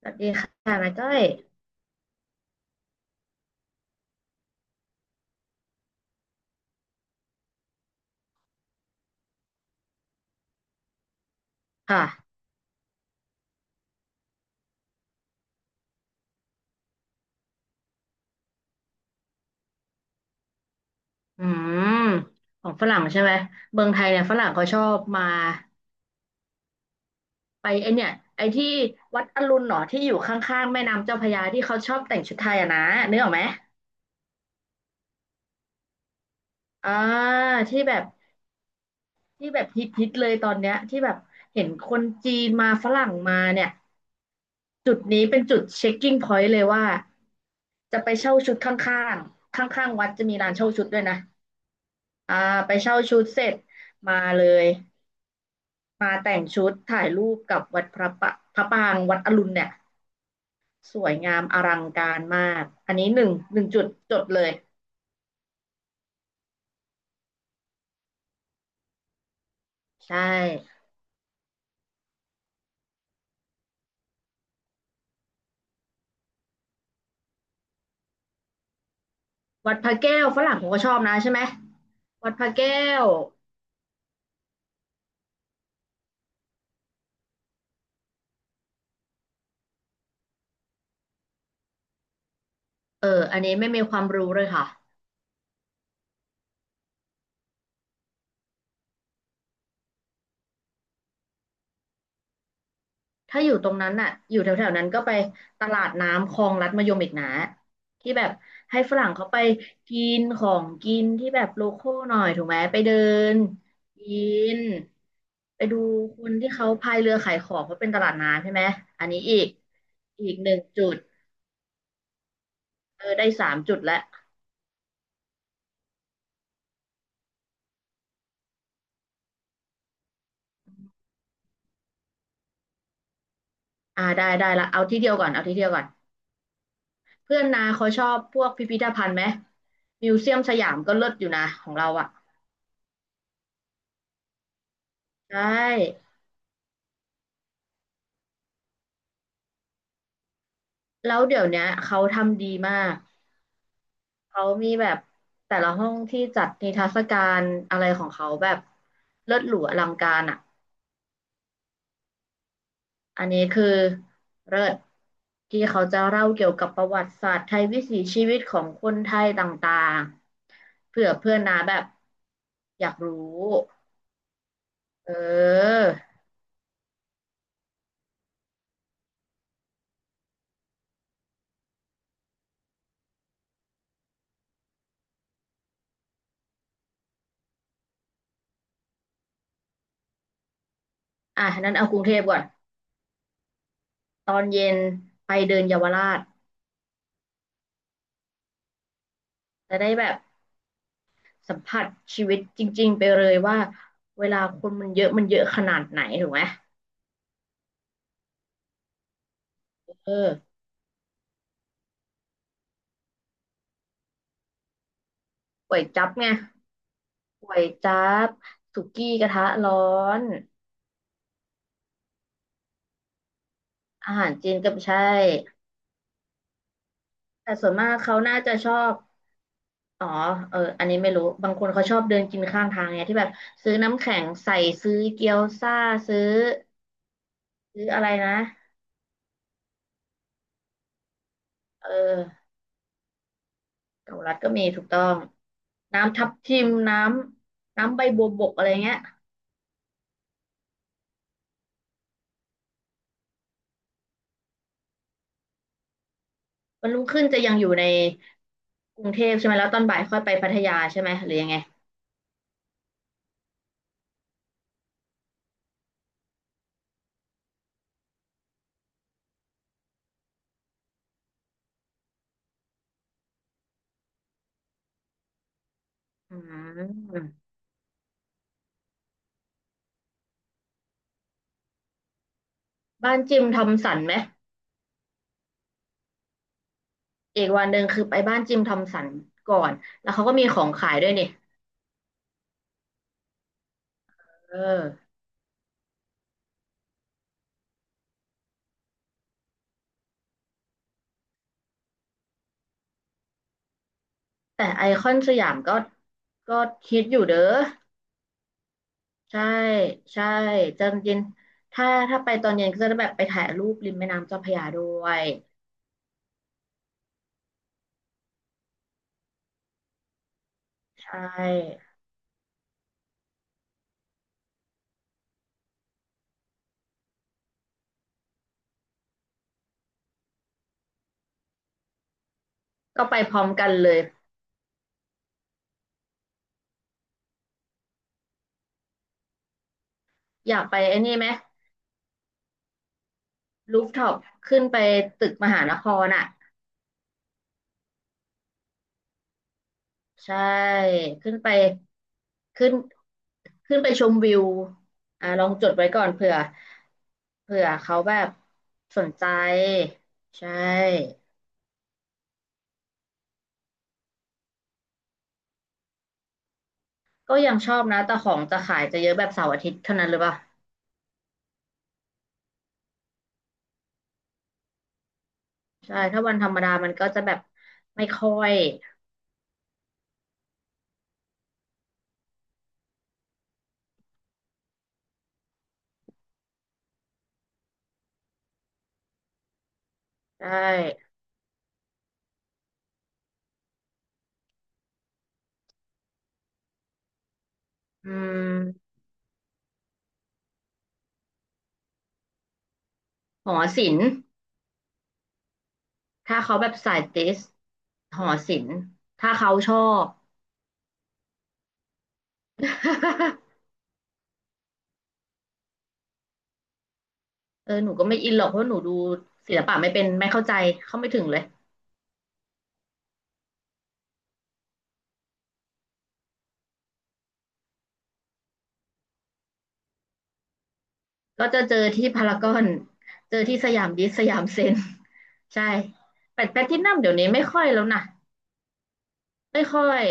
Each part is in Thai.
สวัสดีค่ะนาจ้อยค่ะอืมของฝรั่งใช่ไหมเมืองไทยเนี่ยฝรั่งเขาชอบมาไปไอเนี่ยไอที่วัดอรุณหนอที่อยู่ข้างๆแม่น้ำเจ้าพระยาที่เขาชอบแต่งชุดไทยอะนะนึกออกไหมอ่าที่แบบที่แบบฮิตฮิตเลยตอนเนี้ยที่แบบเห็นคนจีนมาฝรั่งมาเนี่ยจุดนี้เป็นจุดเช็คกิ้งพอยต์เลยว่าจะไปเช่าชุดข้างๆข้างๆวัดจะมีร้านเช่าชุดด้วยนะอ่าไปเช่าชุดเสร็จมาเลย มาแต่งชุดถ่ายรูปกับวัดพระปางวัดอรุณเนี่ยสวยงามอลังการมากอันนี้หนึ่งจุดจดเลยใช่วัดพระแก้วฝรั่งผมก็ชอบนะใช่ไหมวัดพระแก้วเอออันนี้ไม่มีความรู้เลยค่ะ ถ้าอยู่ตรงนั้นน่ะอยู่แถวๆนั้นก็ไปตลาดน้ำคลองลัดมะยมอีกนะที่แบบให้ฝรั่งเขาไปกินของกินที่แบบโลคอลหน่อยถูกไหมไปเดินกินไปดูคนที่เขาพายเรือขายของเพราะเป็นตลาดน้ำใช่ไหมอันนี้อีกหนึ่งจุดเออได้สามจุดแล้วอ่าได้ได้ละเอาที่เดียวก่อนเอาที่เดียวก่อนเพื่อนนาเขาชอบพวกพิพิธภัณฑ์ไหมมิวเซียมสยามก็เลิศอยู่นะของเราอ่ะใช่แล้วเดี๋ยวเนี้ยเขาทำดีมาก เขามีแบบแต่ละห้องที่จัดนิทรรศการอะไรของเขาแบบเลิศหรูอลังการอ่ะอันนี้คือเลิศที่เขาจะเล่าเกี่ยวกับประวัติศาสตร์ไทยวิถีชีวิตของคนไทยต่างๆเผื่อเพื่อนนะแบบอยากรู้เอออ่ะนั้นเอากรุงเทพก่อนตอนเย็นไปเดินเยาวราชจะได้แบบสัมผัสชีวิตจริงๆไปเลยว่าเวลาคนมันเยอะมันเยอะขนาดไหนถูกไหมเออก๋วยจั๊บไง ก๋วยจั๊บสุกี้กระทะร้อนอาหารจีนก็ไม่ใช่แต่ส่วนมากเขาน่าจะชอบอ๋อเอออันนี้ไม่รู้บางคนเขาชอบเดินกินข้างทางเนี่ยที่แบบซื้อน้ำแข็งใส่ซื้อเกี๊ยวซ่าซื้อซื้ออะไรนะเออเกาลัดก็มีถูกต้องน้ำทับทิมน้ำใบบัวบกอะไรเงี้ยวันรุ่งขึ้นจะยังอยู่ในกรุงเทพใช่ไหมแล้วตอนบ่ายค่อยไปพัทยาใช่ไหมหรือยังไงอืมบ้านจิมทอมสันไหม อีกวันหนึ่งคือไปบ้านจิมทอมสันก่อน แล้วเขาก็มีของขายด้วยนี่เออแต่ไอคอนสยามก็ฮิตอยู่เด้อใช่ ใช่จำเย็นถ้าไปตอนเย็นก็จะแบบไปถ่ายรูปริมแม่น้ำเจ้าพระยาด้วย ใช่ ก็ไปพร้อมกันเลย อยากไปไอ้นี่ไหมรูฟท็อปขึ้นไปตึกมหานครอ่ะ ใช่ขึ้นไปขึ้นขึ้นไปชมวิวอ่าลองจดไว้ก่อนเผื่อ เผื่อเขาแบบสนใจใช่ก็ยังชอบนะแต่ของจะขายจะเยอะแบบเสาร์อาทิตย์เท่านั้นหรือเปล่าใช่ถ้าวันธรรมดามันก็จะแบบไม่ค่อยใช่อืมหอศิลป์ถ้าเขาแบบสายติสหอศิลป์ถ้าเขาชอบ เออหนูก็ไม่อินหรอกเพราะหนูดูศิลปะไม่เป็นไม่เข้าใจเข้าไม่ถึงเลย ก็จะเจอที่พารากอนเจอที่สยามดิสสยามเซ็น ใช่แต่แพลทินัมเดี๋ยวนี้ไม่ค่อยแล้วนะไม่ค่อย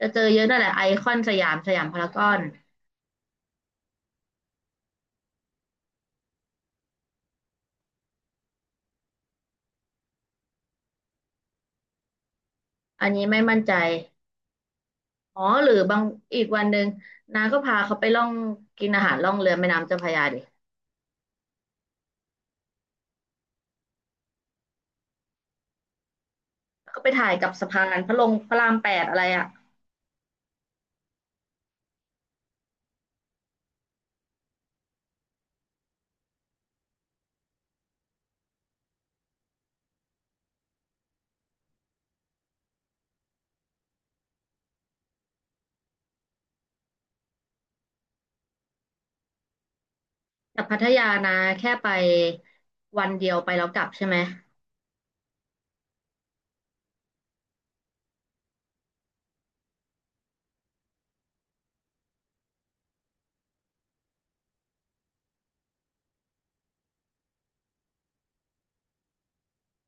จะเจอเยอะนั่นแหละไอคอนสยามสยามพารากอนอันนี้ไม่มั่นใจอ๋อหรือบางอีกวันหนึ่งนาก็พาเขาไปล่องกินอาหารล่องเรือแม่น้ำเจ้าพระยาดิแล้วก็ไปถ่ายกับสะพานพระลงพระรามแปดอะไรอะแต่พัทยานาแค่ไปวันเดียวไปแล้วกลับใช่ไหม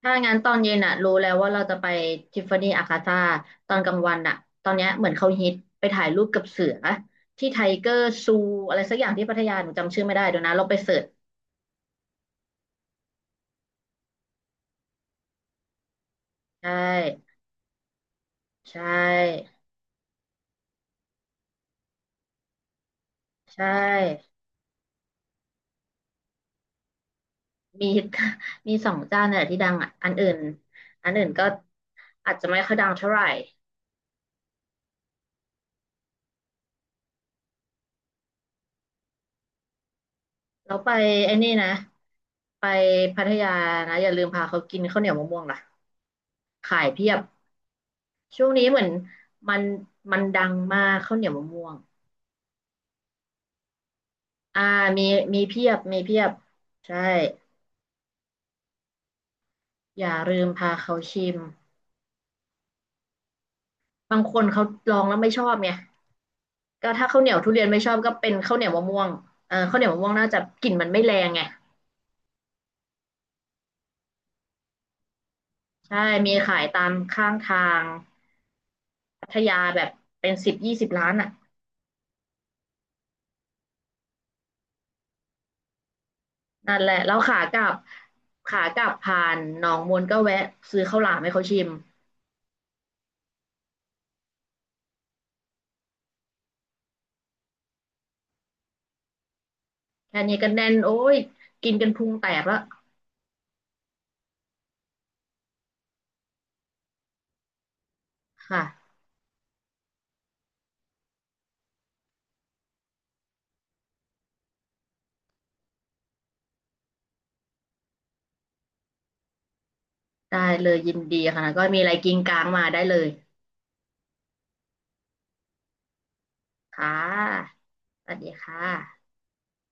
ถ้างั้นตอนเย็นอ่ะรู้แล้วว่าเราจะไปทิฟฟานี่อาคาซ่าตอนกลางวันอ่ะตอนเนี้ยเหมือนเขาฮิตไปถ่ายรูปกับเสือที่ไทเกอร์ซูอะไรสักอย่างที่พัทยาหนูจำชื่อไม่ได้เดี๋ยวนะลองไปเสิร์ชใช่ใช่ใช่มี มีสองเจ้าเนี่ยที่ดังอ่ะอันอื่นก็อาจจะไม่ค่อยดังเท่าไหร่เราไปไอ้นี่นะไปพัทยานะอย่าลืมพาเขากินข้าวเหนียวมะม่วงล่ะขายเพียบ ช่วงนี้เหมือนมันมันดังมากข้าวเหนียวมะม่วงอ่ามีมีเพียบมีเพียบใช่อย่าลืมพาเขาชิมบางคนเขาลองแล้วไม่ชอบไงก็ถ้าข้าวเหนียวทุเรียนไม่ชอบก็เป็นข้าวเหนียวมะม่วงเออข้าวเหนียวมะม่วงน่าจะกลิ่นมันไม่แรงไงใช่มีขายตามข้างทางพัทยาแบบเป็นสิบยี่สิบร้านอ่ะนั่นแหละแล้วขากลับขากลับผ่านหนองมนก็แวะซื้อข้าวหลามให้เขาชิมแค่นี้ก็แน่นโอ้ยกินกันพุงแตกแล้วค่ะ ได้เลยยินดีค่ะก็มีอะไรกินงกลางมาได้เลยค่ะสวัสดีค่ะ